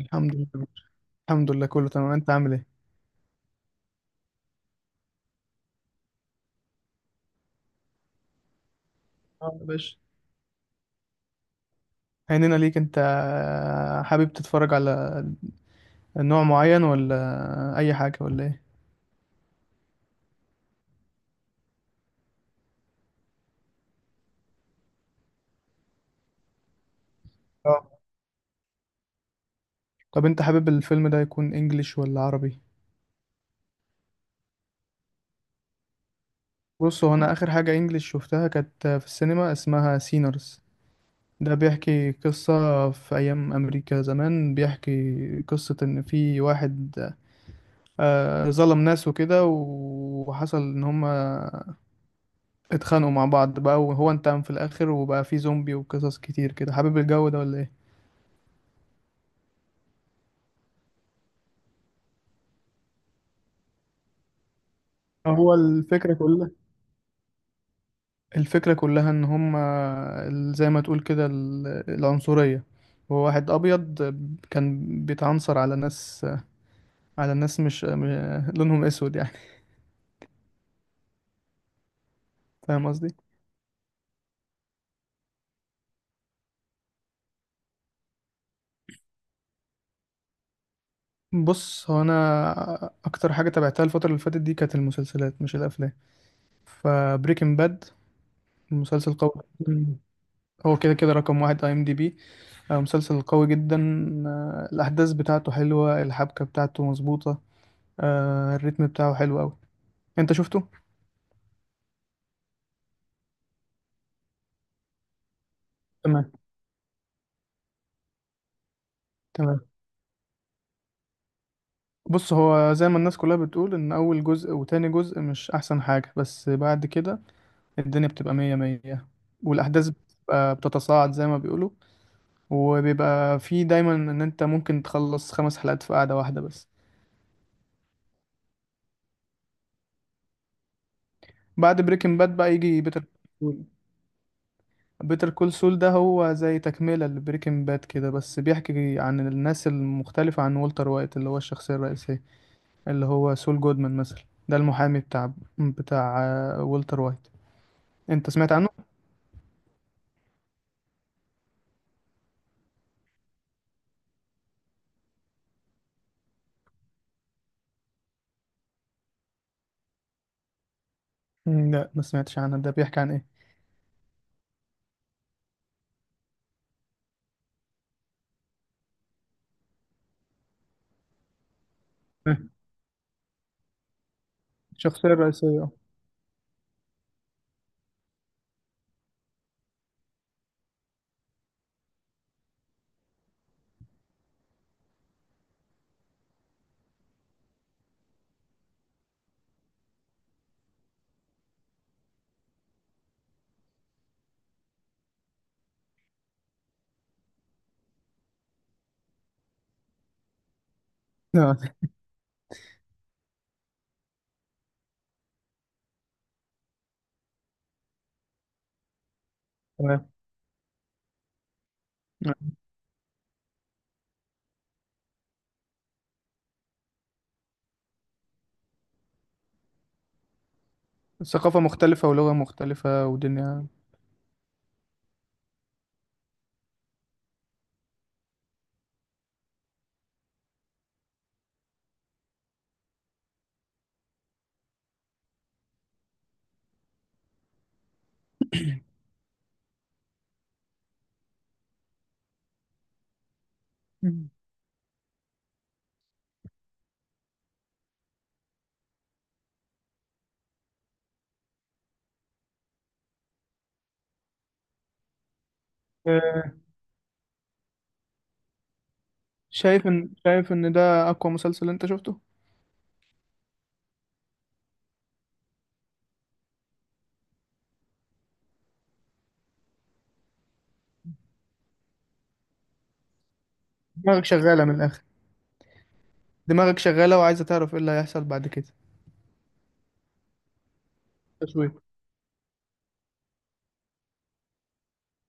الحمد لله. الحمد لله، كله تمام. انت عامل ايه؟ اه يا باشا، هيننا ليك. انت حابب تتفرج على نوع معين ولا اي حاجة، ولا ايه؟ اه. طب انت حابب الفيلم ده يكون انجليش ولا عربي؟ بص، هو انا اخر حاجة انجليش شفتها كانت في السينما، اسمها سينرز. ده بيحكي قصة في أيام أمريكا زمان، بيحكي قصة إن في واحد ظلم ناس وكده. وحصل إن هما اتخانقوا مع بعض بقى، وهو انتقم في الاخر وبقى في زومبي وقصص كتير كده. حابب الجو ده ولا ايه؟ هو الفكرة كلها الفكرة كلها ان هما زي ما تقول كده العنصرية. هو واحد ابيض كان بيتعنصر على ناس مش لونهم اسود يعني. فاهم قصدي؟ بص، هو انا اكتر حاجة تابعتها الفترة اللي فاتت دي كانت المسلسلات مش الافلام. فبريكنج باد مسلسل قوي. مم. هو كده كده رقم واحد IMDB. مسلسل قوي جدا. الأحداث بتاعته حلوة، الحبكة بتاعته مظبوطة. الريتم بتاعه حلو أوي. أنت شفته؟ تمام. تمام، بص، هو زي ما الناس كلها بتقول إن أول جزء وتاني جزء مش أحسن حاجة، بس بعد كده الدنيا بتبقى مية مية. والأحداث بتبقى بتتصاعد زي ما بيقولوا، وبيبقى في دايما إن أنت ممكن تخلص 5 حلقات في قعدة واحدة. بس بعد بريكنج باد بقى يجي بيتر. بيتر كول سول ده هو زي تكملة لبريكنج باد كده، بس بيحكي عن الناس المختلفة عن والتر وايت اللي هو الشخصية الرئيسية. اللي هو سول جودمان مثلا، ده المحامي بتاع بتاع والتر وايت. انت سمعت عنه؟ مم، لا، ما سمعتش عنه، ده بيحكي عن ايه؟ مم. الشخصية الرئيسية. اه، تمام. مم. ثقافة مختلفة ولغة مختلفة ودنيا. مم. آه، شايف ان ده اقوى مسلسل انت شفته؟ دماغك شغالة من الاخر. دماغك شغالة، وعايزة تعرف ايه اللي هيحصل بعد كده. تشويق.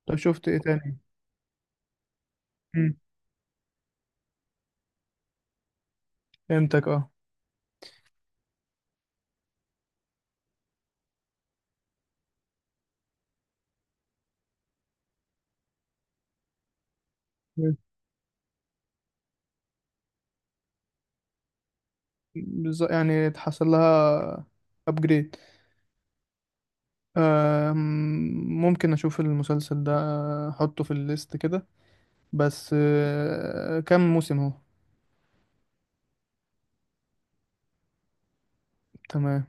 طب شفت ايه تاني؟ مم. فهمتك، اه. بالظبط، يعني اتحصل لها ابجريد. ممكن اشوف المسلسل ده، احطه في الليست كده. بس كم موسم هو؟ تمام.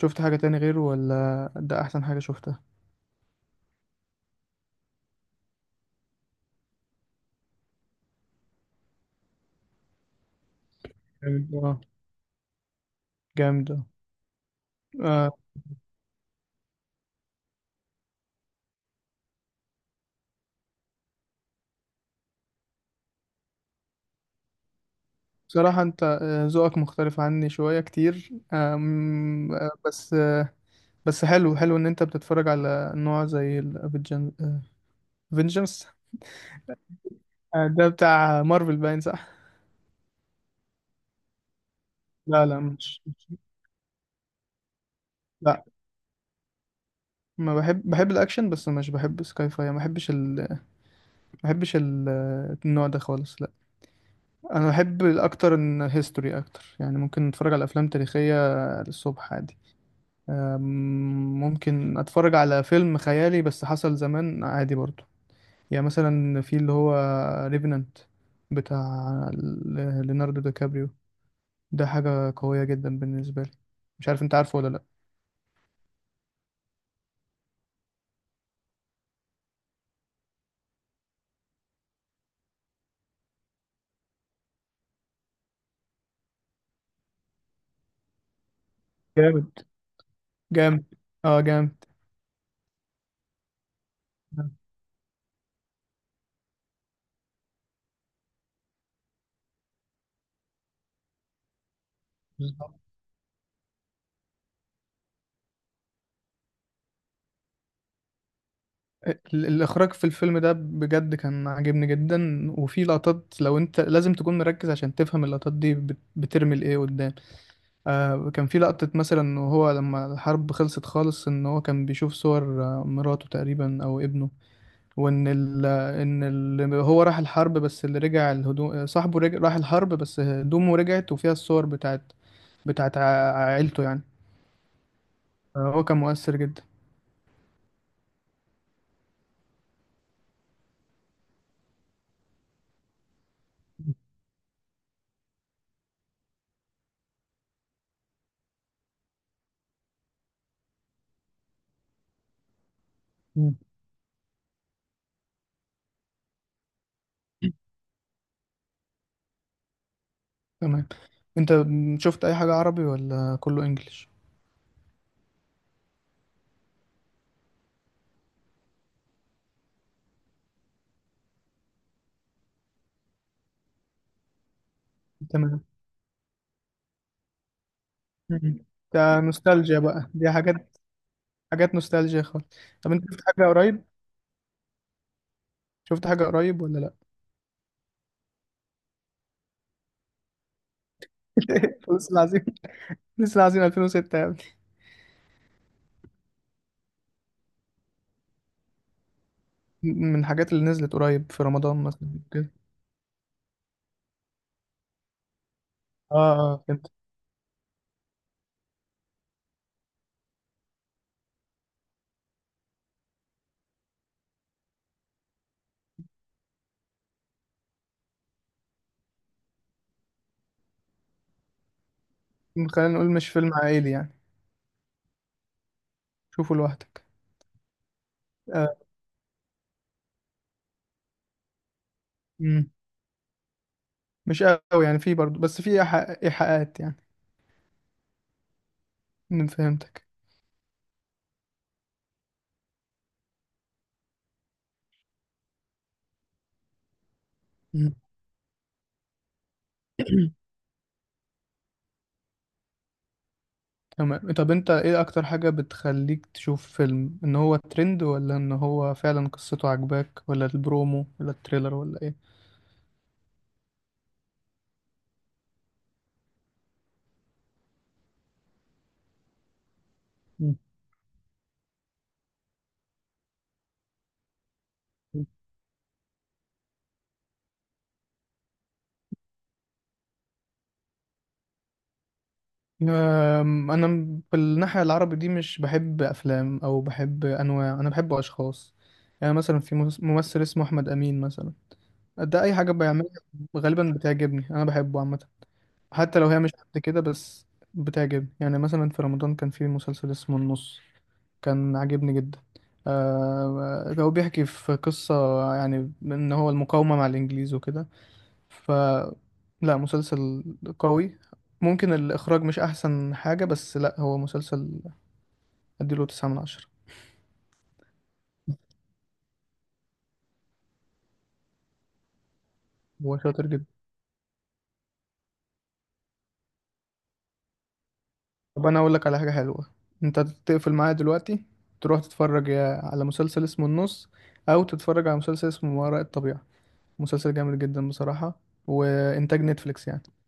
شفت حاجة تاني غيره، ولا ده احسن حاجة شفتها؟ جامد، اه. جامد، اه. آه، بصراحة انت ذوقك مختلف عني شوية كتير، آم، آه، بس بس حلو، حلو ان انت بتتفرج على نوع زي الفينجنس. ده بتاع مارفل، باين، صح؟ لا، لا، لا، ما بحب، بحب الاكشن بس، مش بحب سكاي فاي. ما بحبش بحبش ال... النوع ده خالص، لا. انا بحب الاكتر ان هيستوري اكتر، يعني ممكن اتفرج على افلام تاريخية للصبح عادي. آم، ممكن اتفرج على فيلم خيالي بس حصل زمان، عادي برضو. يعني مثلا في اللي هو ريفننت، بتاع ليوناردو دي كابريو. ده حاجة قوية جدا بالنسبة لي، مش عارف انت عارفه ولا لا. جامد. جامد، اه. جامد. بالظبط. الإخراج في الفيلم ده بجد كان عاجبني جدا، وفي لقطات لو أنت لازم تكون مركز عشان تفهم اللقطات دي بترمي لإيه قدام. آه، كان في لقطة مثلا، وهو لما الحرب خلصت خالص إن هو كان بيشوف صور مراته تقريبا أو ابنه. وإن ال إن ال هو راح الحرب بس اللي رجع الهدوم، صاحبه رجع، راح الحرب بس هدومه رجعت، وفيها الصور بتاعت عيلته يعني. آه، هو كان مؤثر جدا. مم. تمام. انت شفت اي حاجة عربي ولا كله انجليش؟ تمام. مم. ده نوستالجيا بقى، دي حاجات نوستالجيا خالص. طب انت شفت حاجة قريب؟ شفت حاجة قريب ولا لا؟ فلوس العظيم. فلوس العظيم 2006 يا ابني! من الحاجات اللي نزلت قريب في رمضان مثلا كده. اه، اه، فهمت. خلينا نقول مش فيلم عائلي يعني. شوفه لوحدك. آه. مم. مش قوي يعني، في برضه، بس في ايحاءات يعني. أنا فهمتك. مم. تمام. طب انت ايه اكتر حاجة بتخليك تشوف فيلم، ان هو ترند ولا ان هو فعلا قصته عجباك، ولا البرومو ولا التريلر ولا ايه؟ مم. انا بالناحيه العربي دي مش بحب افلام او بحب انواع، انا بحب اشخاص. يعني مثلا في ممثل اسمه احمد امين مثلا. ده اي حاجه بيعملها غالبا بتعجبني. انا بحبه عامه، حتى لو هي مش قد كده، بس بتعجبني. يعني مثلا في رمضان كان في مسلسل اسمه النص، كان عاجبني جدا. آه، هو بيحكي في قصة، يعني ان هو المقاومة مع الانجليز وكده. ف لا، مسلسل قوي، ممكن الاخراج مش احسن حاجة، بس لا، هو مسلسل اديله 9/10. هو شاطر جدا. طب انا اقول لك على حاجة حلوة، انت تقفل معايا دلوقتي، تروح تتفرج على مسلسل اسمه النص، او تتفرج على مسلسل اسمه ما وراء الطبيعة. مسلسل جامد جدا بصراحة، وإنتاج نتفليكس يعني.